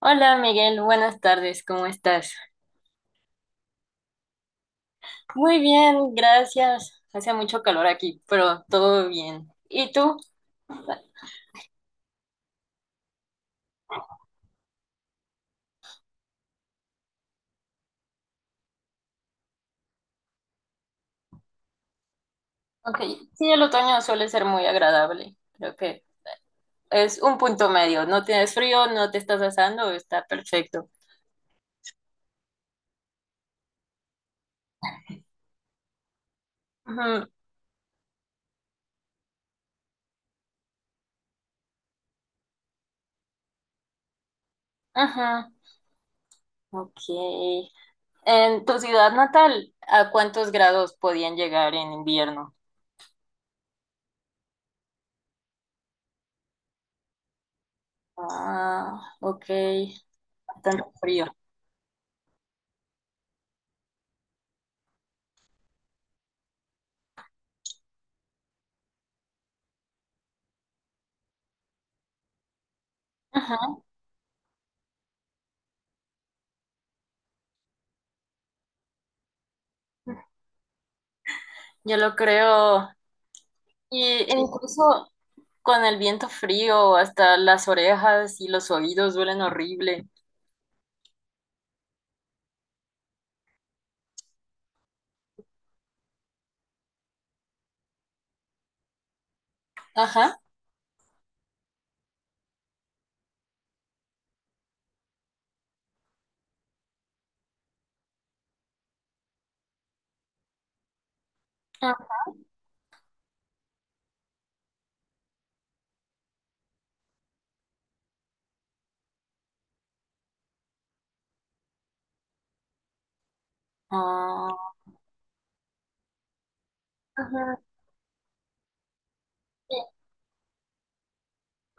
Hola Miguel, buenas tardes, ¿cómo estás? Muy bien, gracias. Hace mucho calor aquí, pero todo bien. ¿Y tú? Ok, sí, el otoño suele ser muy agradable. Creo que es un punto medio. No tienes frío, no te estás asando, está perfecto. Ujú, ujú, ok. En tu ciudad natal, ¿a cuántos grados podían llegar en invierno? Ah, ok, bastante frío. Ujú, yo lo creo. Y incluso con el viento frío, hasta las orejas y los oídos duelen horrible. Ajá. Ah, ajá. Sí,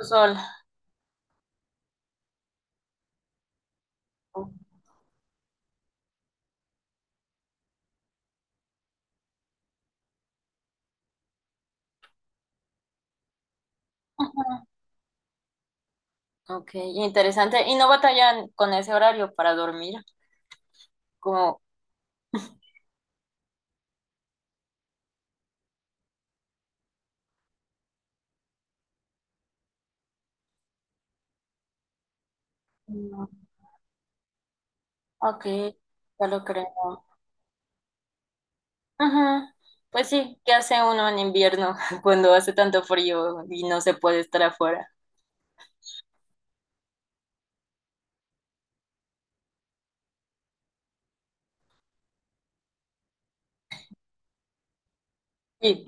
sol. Ajá. Ok, interesante. ¿Y no batallan con ese horario para dormir, como, mm, ok, ya lo creo? Ajá. Pues sí, ¿qué hace uno en invierno cuando hace tanto frío y no se puede estar afuera? Sí.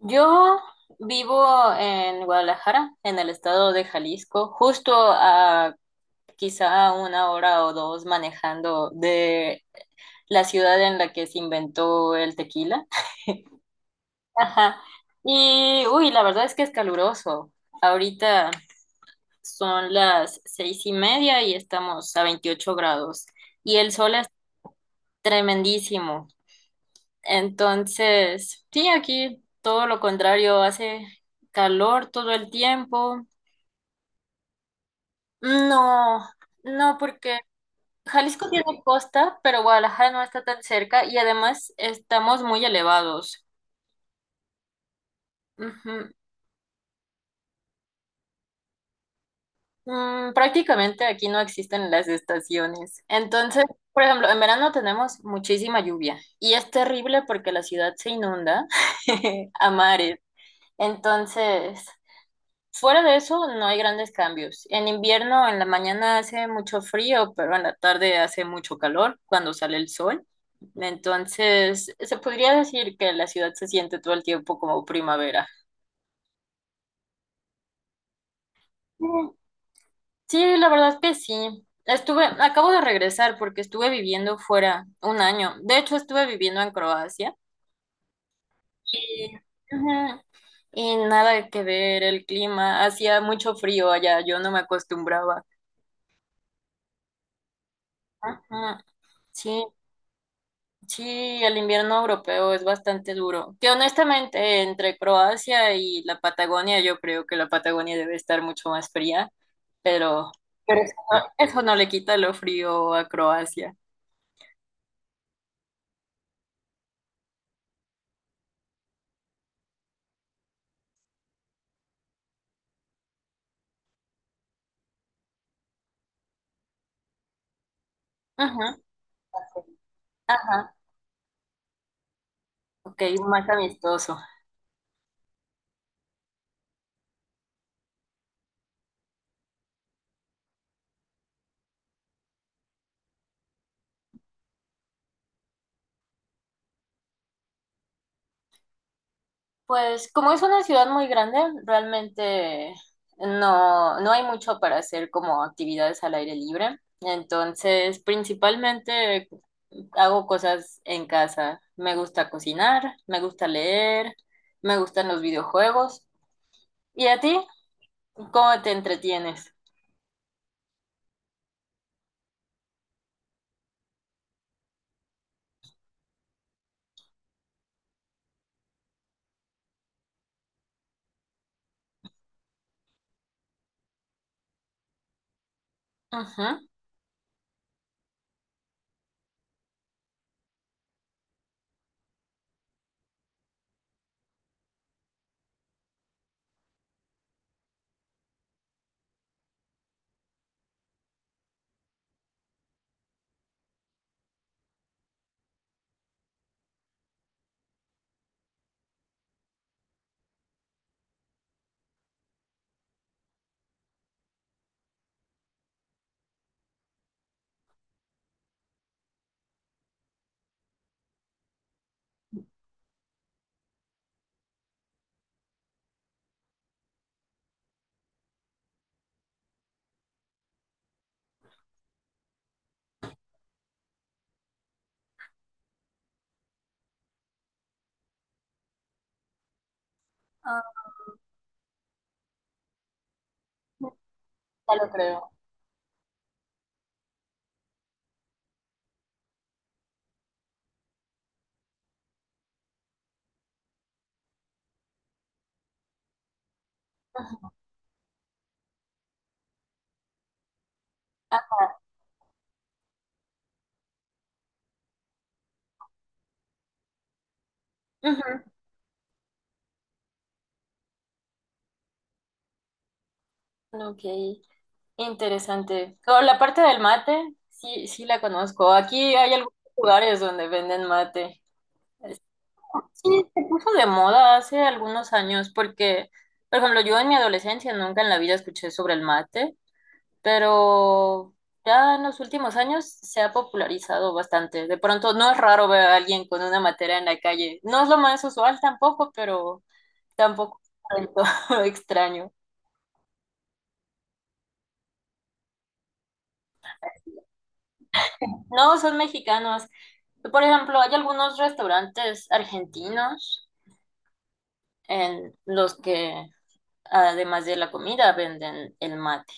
Yo vivo en Guadalajara, en el estado de Jalisco, justo a quizá una hora o dos manejando de la ciudad en la que se inventó el tequila. Ajá. Y, uy, la verdad es que es caluroso. Ahorita son las 6:30 y estamos a 28 grados. Y el sol es tremendísimo. Entonces, sí, aquí todo lo contrario, hace calor todo el tiempo. No, no, porque Jalisco tiene costa, pero Guadalajara no está tan cerca y además estamos muy elevados. Ujú. Mm, prácticamente aquí no existen las estaciones. Entonces, por ejemplo, en verano tenemos muchísima lluvia y es terrible porque la ciudad se inunda a mares. Entonces, fuera de eso, no hay grandes cambios. En invierno, en la mañana hace mucho frío, pero en la tarde hace mucho calor cuando sale el sol. Entonces, se podría decir que la ciudad se siente todo el tiempo como primavera. Mm, sí, la verdad que sí. Estuve, acabo de regresar porque estuve viviendo fuera un año. De hecho, estuve viviendo en Croacia. Y, ujú, y nada que ver el clima. Hacía mucho frío allá, yo no me acostumbraba. Ujú, sí, sí, el invierno europeo es bastante duro. Que honestamente, entre Croacia y la Patagonia, yo creo que la Patagonia debe estar mucho más fría, pero, pero eso no le quita lo frío a Croacia. Ajá, ajá. Ok, más amistoso. Pues como es una ciudad muy grande, realmente no hay mucho para hacer como actividades al aire libre. Entonces, principalmente hago cosas en casa. Me gusta cocinar, me gusta leer, me gustan los videojuegos. ¿Y a ti? ¿Cómo te entretienes? Ujú. Ah, ya lo creo. Ah, ujú. Ok. Interesante. Con la parte del mate, sí, sí la conozco. Aquí hay algunos lugares donde venden mate. Sí, se puso de moda hace algunos años porque, por ejemplo, yo en mi adolescencia nunca en la vida escuché sobre el mate, pero ya en los últimos años se ha popularizado bastante. De pronto no es raro ver a alguien con una matera en la calle. No es lo más usual tampoco, pero tampoco es algo extraño. No, son mexicanos. Por ejemplo, hay algunos restaurantes argentinos en los que, además de la comida, venden el mate.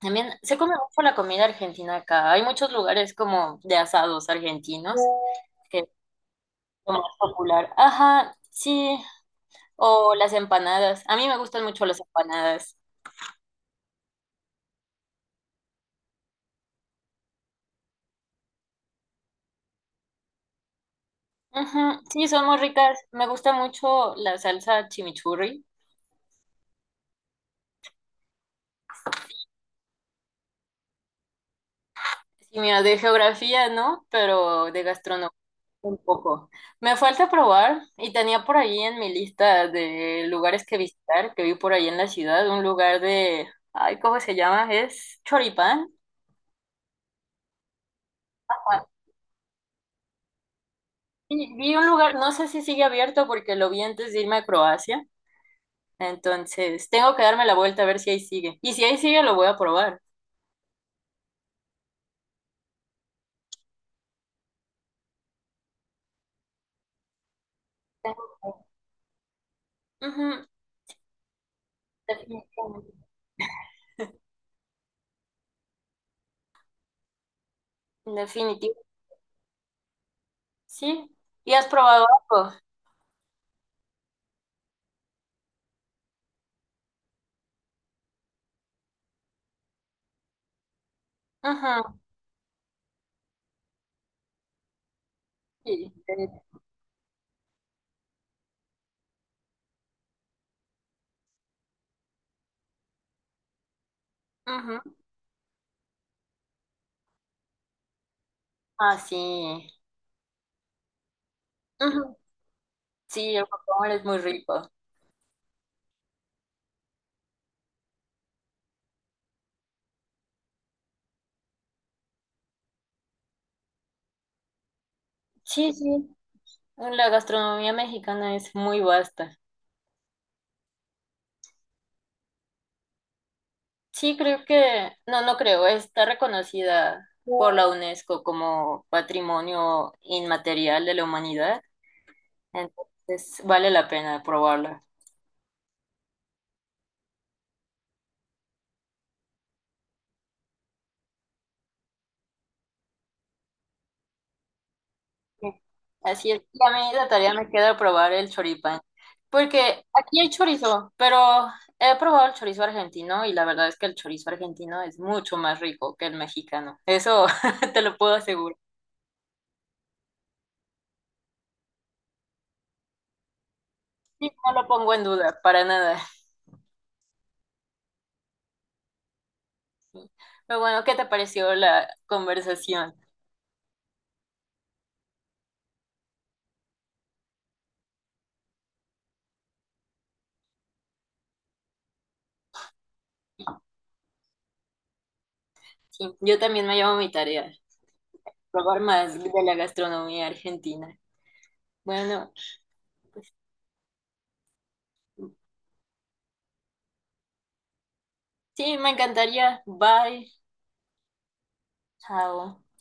También se come mucho la comida argentina acá. Hay muchos lugares como de asados argentinos, que es lo más popular. Ajá, sí. O las empanadas. A mí me gustan mucho las empanadas. Ujú, sí, son muy ricas. Me gusta mucho la salsa chimichurri. Sí, mira, de geografía, ¿no? Pero de gastronomía. Un poco. Me falta probar y tenía por ahí en mi lista de lugares que visitar, que vi por ahí en la ciudad, un lugar de, ay, ¿cómo se llama? Es Choripán. Y vi un lugar, no sé si sigue abierto porque lo vi antes de irme a Croacia, entonces tengo que darme la vuelta a ver si ahí sigue. Y si ahí sigue, lo voy a probar. Tengo- Ujú, definitivamente. Definitivo. Sí. ¿Y has probado algo? Ujú, sí. Sí. Ujú, ah, sí. Ujú, sí, el guacamole es muy rico. Sí, sí, la gastronomía mexicana es muy vasta. Sí, creo que, no, no creo, está reconocida por la UNESCO como Patrimonio Inmaterial de la Humanidad, entonces vale la pena probarla. Sí. Así es, y a mí la tarea me queda probar el choripán, porque aquí hay chorizo, pero he probado el chorizo argentino y la verdad es que el chorizo argentino es mucho más rico que el mexicano, eso te lo puedo asegurar. Sí, no lo pongo en duda, para nada. Pero bueno, ¿qué te pareció la conversación? Sí, yo también me llevo mi tarea, probar más de la gastronomía argentina. Bueno, pues sí, me encantaría. Bye. Chao.